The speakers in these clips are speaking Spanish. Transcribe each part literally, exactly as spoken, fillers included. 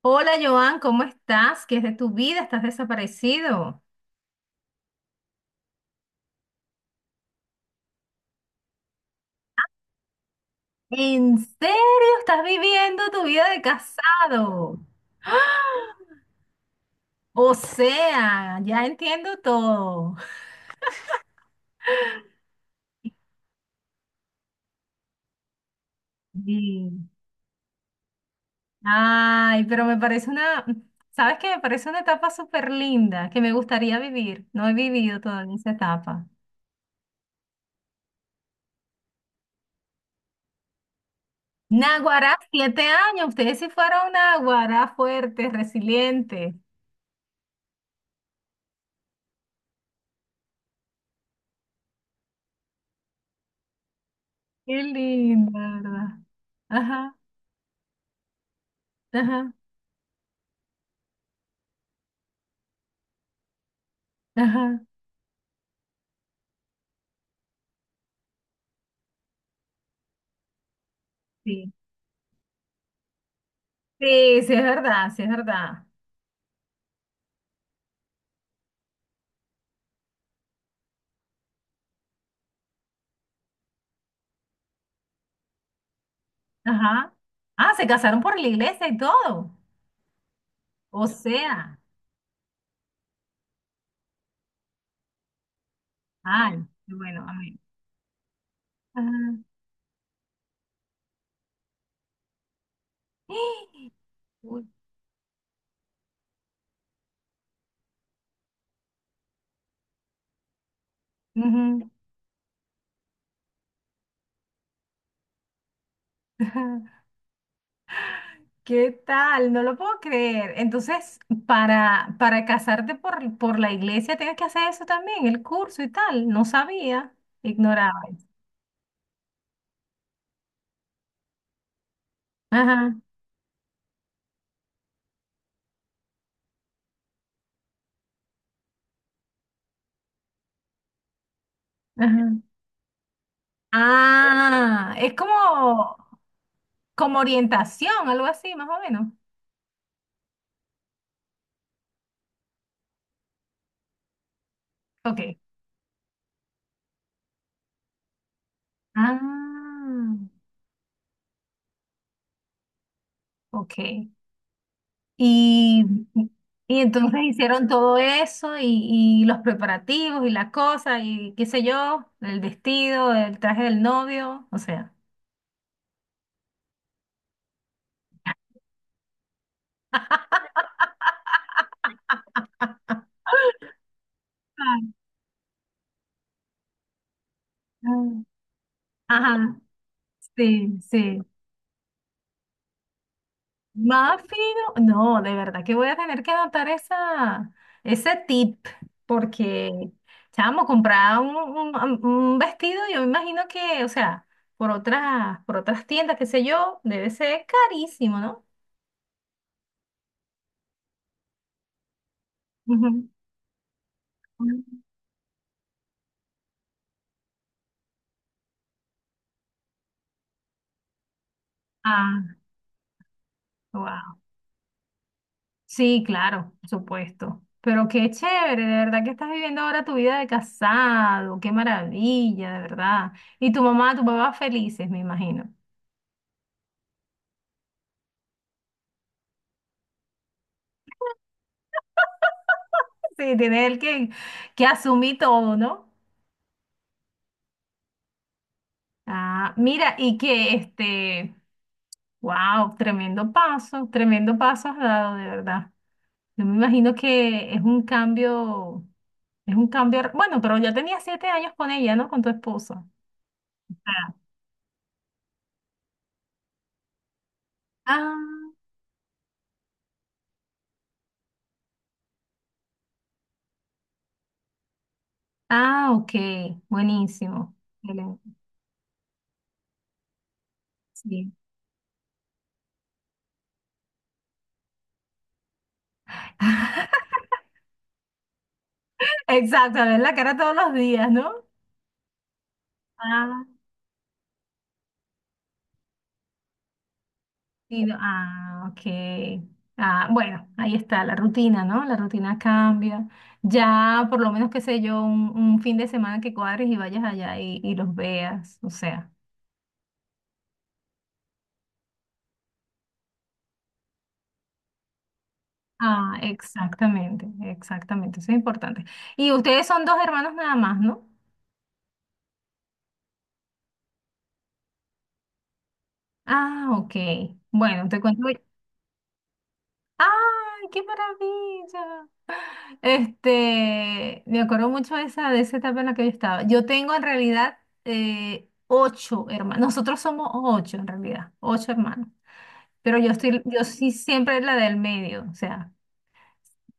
Hola Joan, ¿cómo estás? ¿Qué es de tu vida? ¿Estás desaparecido? ¿En serio estás viviendo tu vida de casado? O sea, ya entiendo todo. Sí. Ay, pero me parece una, ¿sabes qué? Me parece una etapa súper linda que me gustaría vivir. No he vivido todavía esa etapa. Naguará, siete años. Ustedes sí fueron Naguará fuertes, resilientes. Qué linda, ¿verdad? Ajá, ajá, ajá. Sí. Sí. Sí es verdad, sí es verdad. Ajá. Ah, se casaron por la iglesia y todo. O sea, ay, qué bueno, amén. Ajá. ¡Ah! Uy, ujú. ¿Qué tal? No lo puedo creer. Entonces, para, para casarte por, por la iglesia tienes que hacer eso también, el curso y tal. No sabía, ignoraba eso. Ajá, ajá. Ah, es como, como orientación, algo así, más o menos. Ok. Ah. Ok. Y, y entonces hicieron todo eso y, y los preparativos y la cosa y qué sé yo, el vestido, el traje del novio, o sea. Ah. Ajá, sí, sí. Más fino. No, de verdad que voy a tener que anotar esa, ese tip porque, chamo, comprar un, un- un vestido, yo me imagino que, o sea, por otras, por otras tiendas, qué sé yo, debe ser carísimo, ¿no? Ujú. Ah, wow. Sí, claro, por supuesto. Pero qué chévere, de verdad que estás viviendo ahora tu vida de casado, qué maravilla, de verdad. Y tu mamá, tu papá felices, me imagino. Sí, tiene él que, que asumir todo, ¿no? Ah, mira, y que este, wow, tremendo paso, tremendo paso has dado, de verdad. Yo me imagino que es un cambio, es un cambio, bueno, pero ya tenía siete años con ella, ¿no? Con tu esposa. Ah. Ah, ok, buenísimo. Excelente. Sí. Exacto, a ver la cara todos los días, ¿no? Ah, sí, no, ah, ok. Ah, bueno, ahí está la rutina, ¿no? La rutina cambia. Ya, por lo menos, qué sé yo, un, un fin de semana que cuadres y vayas allá y, y los veas, o sea. Ah, exactamente, exactamente, eso es importante. Y ustedes son dos hermanos nada más, ¿no? Ah, ok. Bueno, te cuento. ¡Ay, qué maravilla! Este, me acuerdo mucho de esa, de esa etapa en la que yo estaba. Yo tengo en realidad eh, ocho hermanos. Nosotros somos ocho en realidad, ocho hermanos. Pero yo estoy, yo sí siempre la del medio, o sea,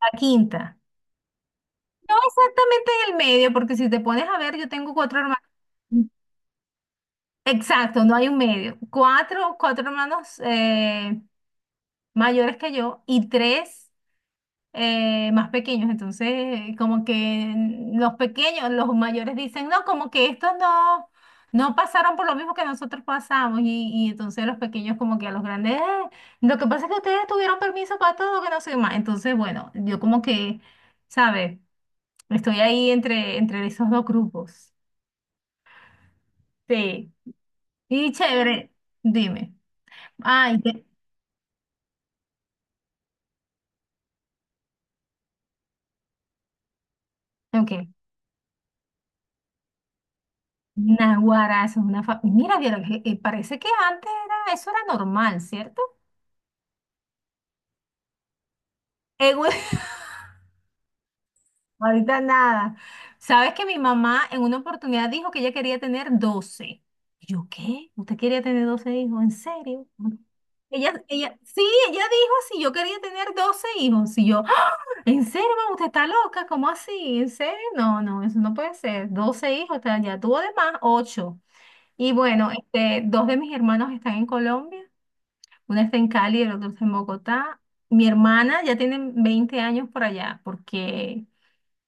la quinta. No exactamente en el medio, porque si te pones a ver, yo tengo cuatro hermanos. Exacto, no hay un medio. Cuatro, cuatro hermanos eh, mayores que yo y tres eh, más pequeños. Entonces, como que los pequeños, los mayores dicen, no, como que estos no, no pasaron por lo mismo que nosotros pasamos. Y, y entonces los pequeños como que a los grandes, "Eh, lo que pasa es que ustedes tuvieron permiso para todo, que no sé qué más". Entonces, bueno, yo como que, ¿sabes? Estoy ahí entre, entre esos dos grupos. Sí. Y chévere, dime. Ay, te- ok. Naguará, eso es una fa- Mira, vieron, que- eh, parece que antes era, eso era normal, ¿cierto? Ahorita nada. Sabes que mi mamá en una oportunidad dijo que ella quería tener doce. Y yo, ¿qué? ¿Usted quería tener doce hijos? ¿En serio? Bueno, Ella, ella, sí, ella dijo si yo quería tener doce hijos. Y yo, "Ah, ¿en serio, mamá? ¿Usted está loca? ¿Cómo así? ¿En serio? No, no, eso no puede ser. Doce hijos, o sea, ya tuvo de más ocho". Y bueno, este, dos de mis hermanos están en Colombia. Una está en Cali y el otro está en Bogotá. Mi hermana ya tiene veinte años por allá, porque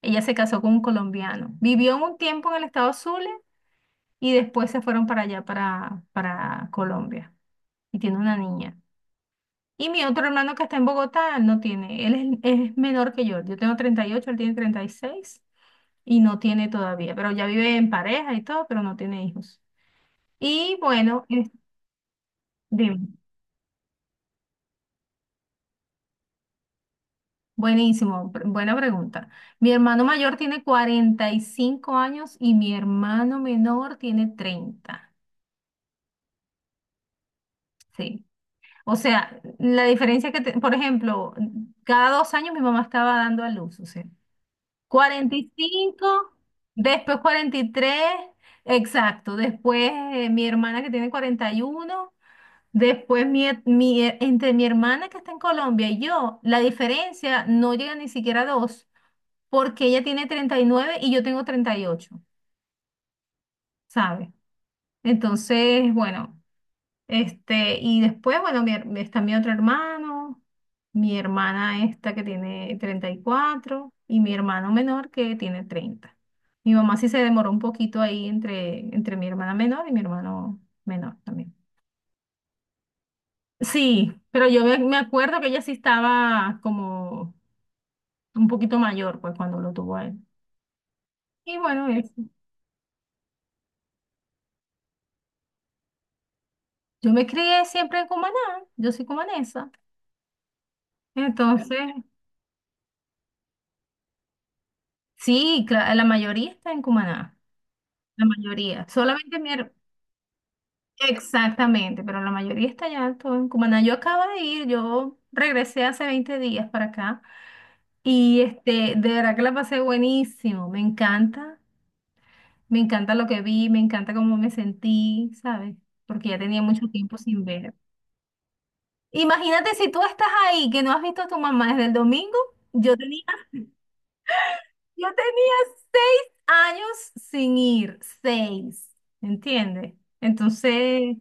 ella se casó con un colombiano. Vivió un tiempo en el estado Zulia y después se fueron para allá, para, para Colombia. Y tiene una niña. Y mi otro hermano que está en Bogotá no tiene. Él es, es menor que yo. Yo tengo treinta y ocho, él tiene treinta y seis y no tiene todavía. Pero ya vive en pareja y todo, pero no tiene hijos. Y bueno, es- dime. Buenísimo, pr- buena pregunta. Mi hermano mayor tiene cuarenta y cinco años y mi hermano menor tiene treinta. Sí. O sea, la diferencia que, te- por ejemplo, cada dos años mi mamá estaba dando a luz, o sea, cuarenta y cinco, después cuarenta y tres, exacto, después eh, mi hermana que tiene cuarenta y uno, después mi, he- mi he- entre mi hermana que está en Colombia y yo, la diferencia no llega ni siquiera a dos, porque ella tiene treinta y nueve y yo tengo treinta y ocho, ¿sabes? Entonces, bueno. Este, y después, bueno, mi her- está mi otro hermano, mi hermana esta que tiene treinta y cuatro y mi hermano menor que tiene treinta. Mi mamá sí se demoró un poquito ahí entre, entre mi hermana menor y mi hermano menor también. Sí, pero yo me, me acuerdo que ella sí estaba como un poquito mayor, pues, cuando lo tuvo a él. Y bueno, eso. Yo me crié siempre en Cumaná, yo soy cumanesa. Entonces, sí, cla- la mayoría está en Cumaná. La mayoría. Solamente mi her- Exactamente, pero la mayoría está allá, todo en Cumaná. Yo acabo de ir, yo regresé hace veinte días para acá y este, de verdad que la pasé buenísimo. Me encanta, me encanta lo que vi, me encanta cómo me sentí, ¿sabes? Porque ya tenía mucho tiempo sin ver. Imagínate si tú estás ahí, que no has visto a tu mamá desde el domingo. Yo tenía, yo tenía seis años sin ir, seis, ¿entiendes? Entonces...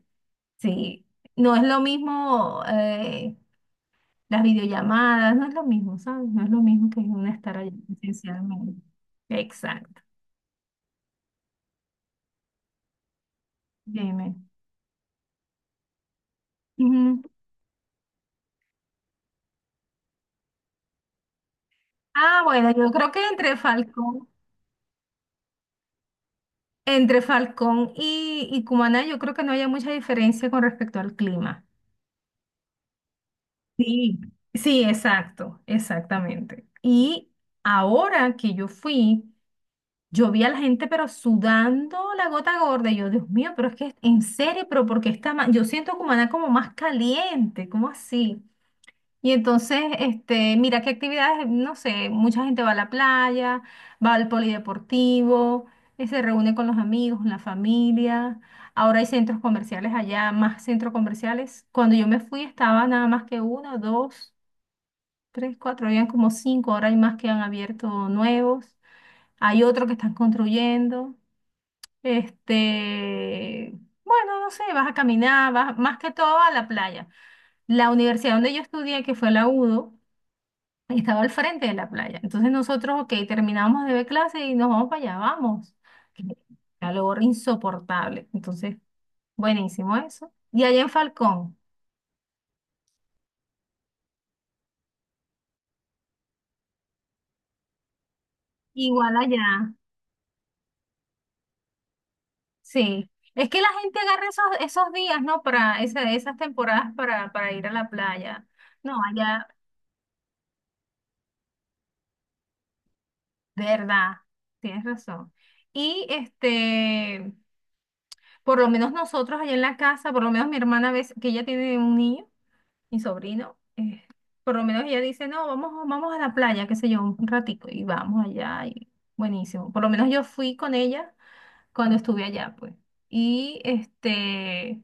Sí, no es lo mismo eh, las videollamadas, no es lo mismo, ¿sabes? No es lo mismo que un estar allí presencialmente. Exacto, dime. Ujú. Ah, bueno, yo creo que entre Falcón, entre Falcón y, y Cumaná, yo creo que no haya mucha diferencia con respecto al clima. Sí. Sí, exacto, exactamente. Y ahora que yo fui, yo vi a la gente, pero sudando la gota gorda. Y yo, Dios mío, pero es que en serio, pero porque está ma- Yo siento Cumaná como más caliente, ¿cómo así? Y entonces, este, mira qué actividades, no sé, mucha gente va a la playa, va al polideportivo, eh, se reúne con los amigos, la familia. Ahora hay centros comerciales allá, más centros comerciales. Cuando yo me fui estaba nada más que uno, dos, tres, cuatro, habían como cinco, ahora hay más que han abierto nuevos. Hay otro que están construyendo. Este, bueno, no sé, vas a caminar, vas más que todo a la playa. La universidad donde yo estudié, que fue la UDO, estaba al frente de la playa. Entonces nosotros, ok, terminamos de ver clase y nos vamos para allá, vamos. Qué calor insoportable. Entonces, buenísimo eso. Y allá en Falcón, igual allá, sí. Es que la gente agarra esos, esos días, ¿no? Para esa- esas temporadas para, para ir a la playa. No, allá, de verdad, tienes razón. Y este, por lo menos nosotros allá en la casa, por lo menos mi hermana ves que ella tiene un niño, mi sobrino, eh, por lo menos ella dice, no, vamos, vamos a la playa, qué sé yo, un ratico, y vamos allá, y buenísimo. Por lo menos yo fui con ella cuando estuve allá, pues. Y este,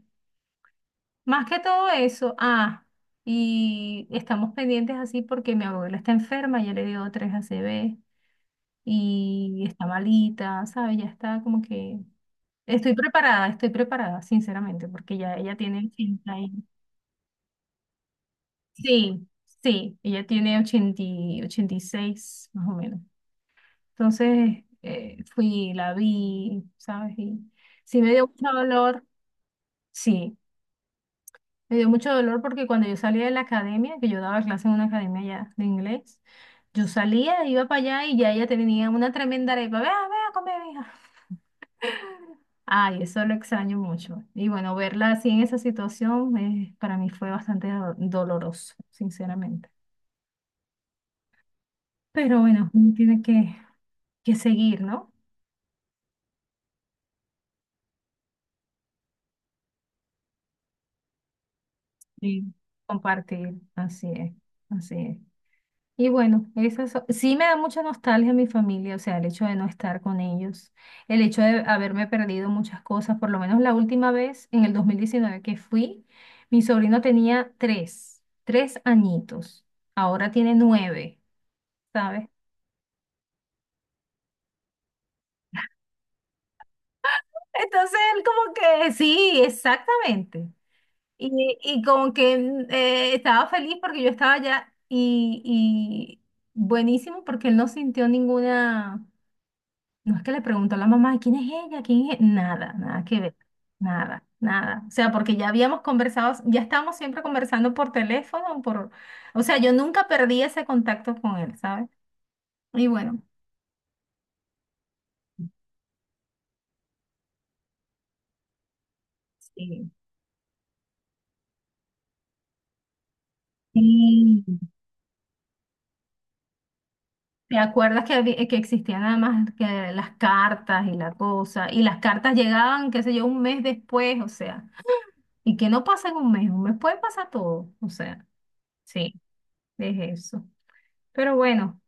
más que todo eso, ah, y estamos pendientes así porque mi abuela está enferma, ya le dio tres a C A C V y está malita, ¿sabes? Ya está como que... Estoy preparada, estoy preparada, sinceramente, porque ya ella tiene ochenta y- Sí, sí, ella tiene ochenta y ochenta y seis más o menos. Entonces, eh, fui, la vi, ¿sabes? Y sí me dio mucho dolor, sí, me dio mucho dolor porque cuando yo salía de la academia, que yo daba clase en una academia ya de inglés, yo salía, iba para allá y ya ella tenía una tremenda arepa, vea, vea, come, mija. Ay, eso lo extraño mucho. Y bueno, verla así en esa situación eh, para mí fue bastante do- doloroso, sinceramente. Pero bueno, uno tiene que, que seguir, ¿no? Sí. Compartir, así es, así es. Y bueno, esas so- sí me da mucha nostalgia a mi familia, o sea, el hecho de no estar con ellos, el hecho de haberme perdido muchas cosas, por lo menos la última vez, en el dos mil diecinueve que fui, mi sobrino tenía tres, tres añitos, ahora tiene nueve, ¿sabes? Entonces él como que, sí, exactamente. Y, y como que mm, eh, estaba feliz porque yo estaba allá y, y buenísimo porque él no sintió ninguna, no es que le preguntó a la mamá, ¿quién es ella? ¿Quién es? E-?". Nada, nada que ver, nada, nada. O sea, porque ya habíamos conversado, ya estábamos siempre conversando por teléfono, por, o sea, yo nunca perdí ese contacto con él, ¿sabes? Y bueno, sí. Sí. ¿Te acuerdas que, había- que existían además que las cartas y la cosa? Y las cartas llegaban, qué sé yo, un mes después, o sea, y que no pasa en un mes, un mes puede pasar todo, o sea, sí, es eso. Pero bueno,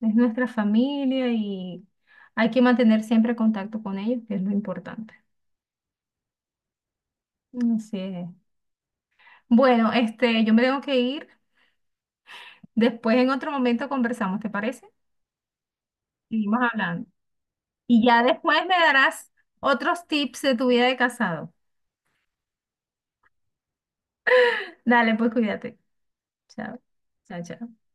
es nuestra familia y hay que mantener siempre contacto con ellos, que es lo importante. Así es. Bueno, este, yo me tengo que ir. Después en otro momento conversamos, ¿te parece? Seguimos hablando. Y ya después me darás otros tips de tu vida de casado. Dale, pues cuídate. Chao. Chao, chao.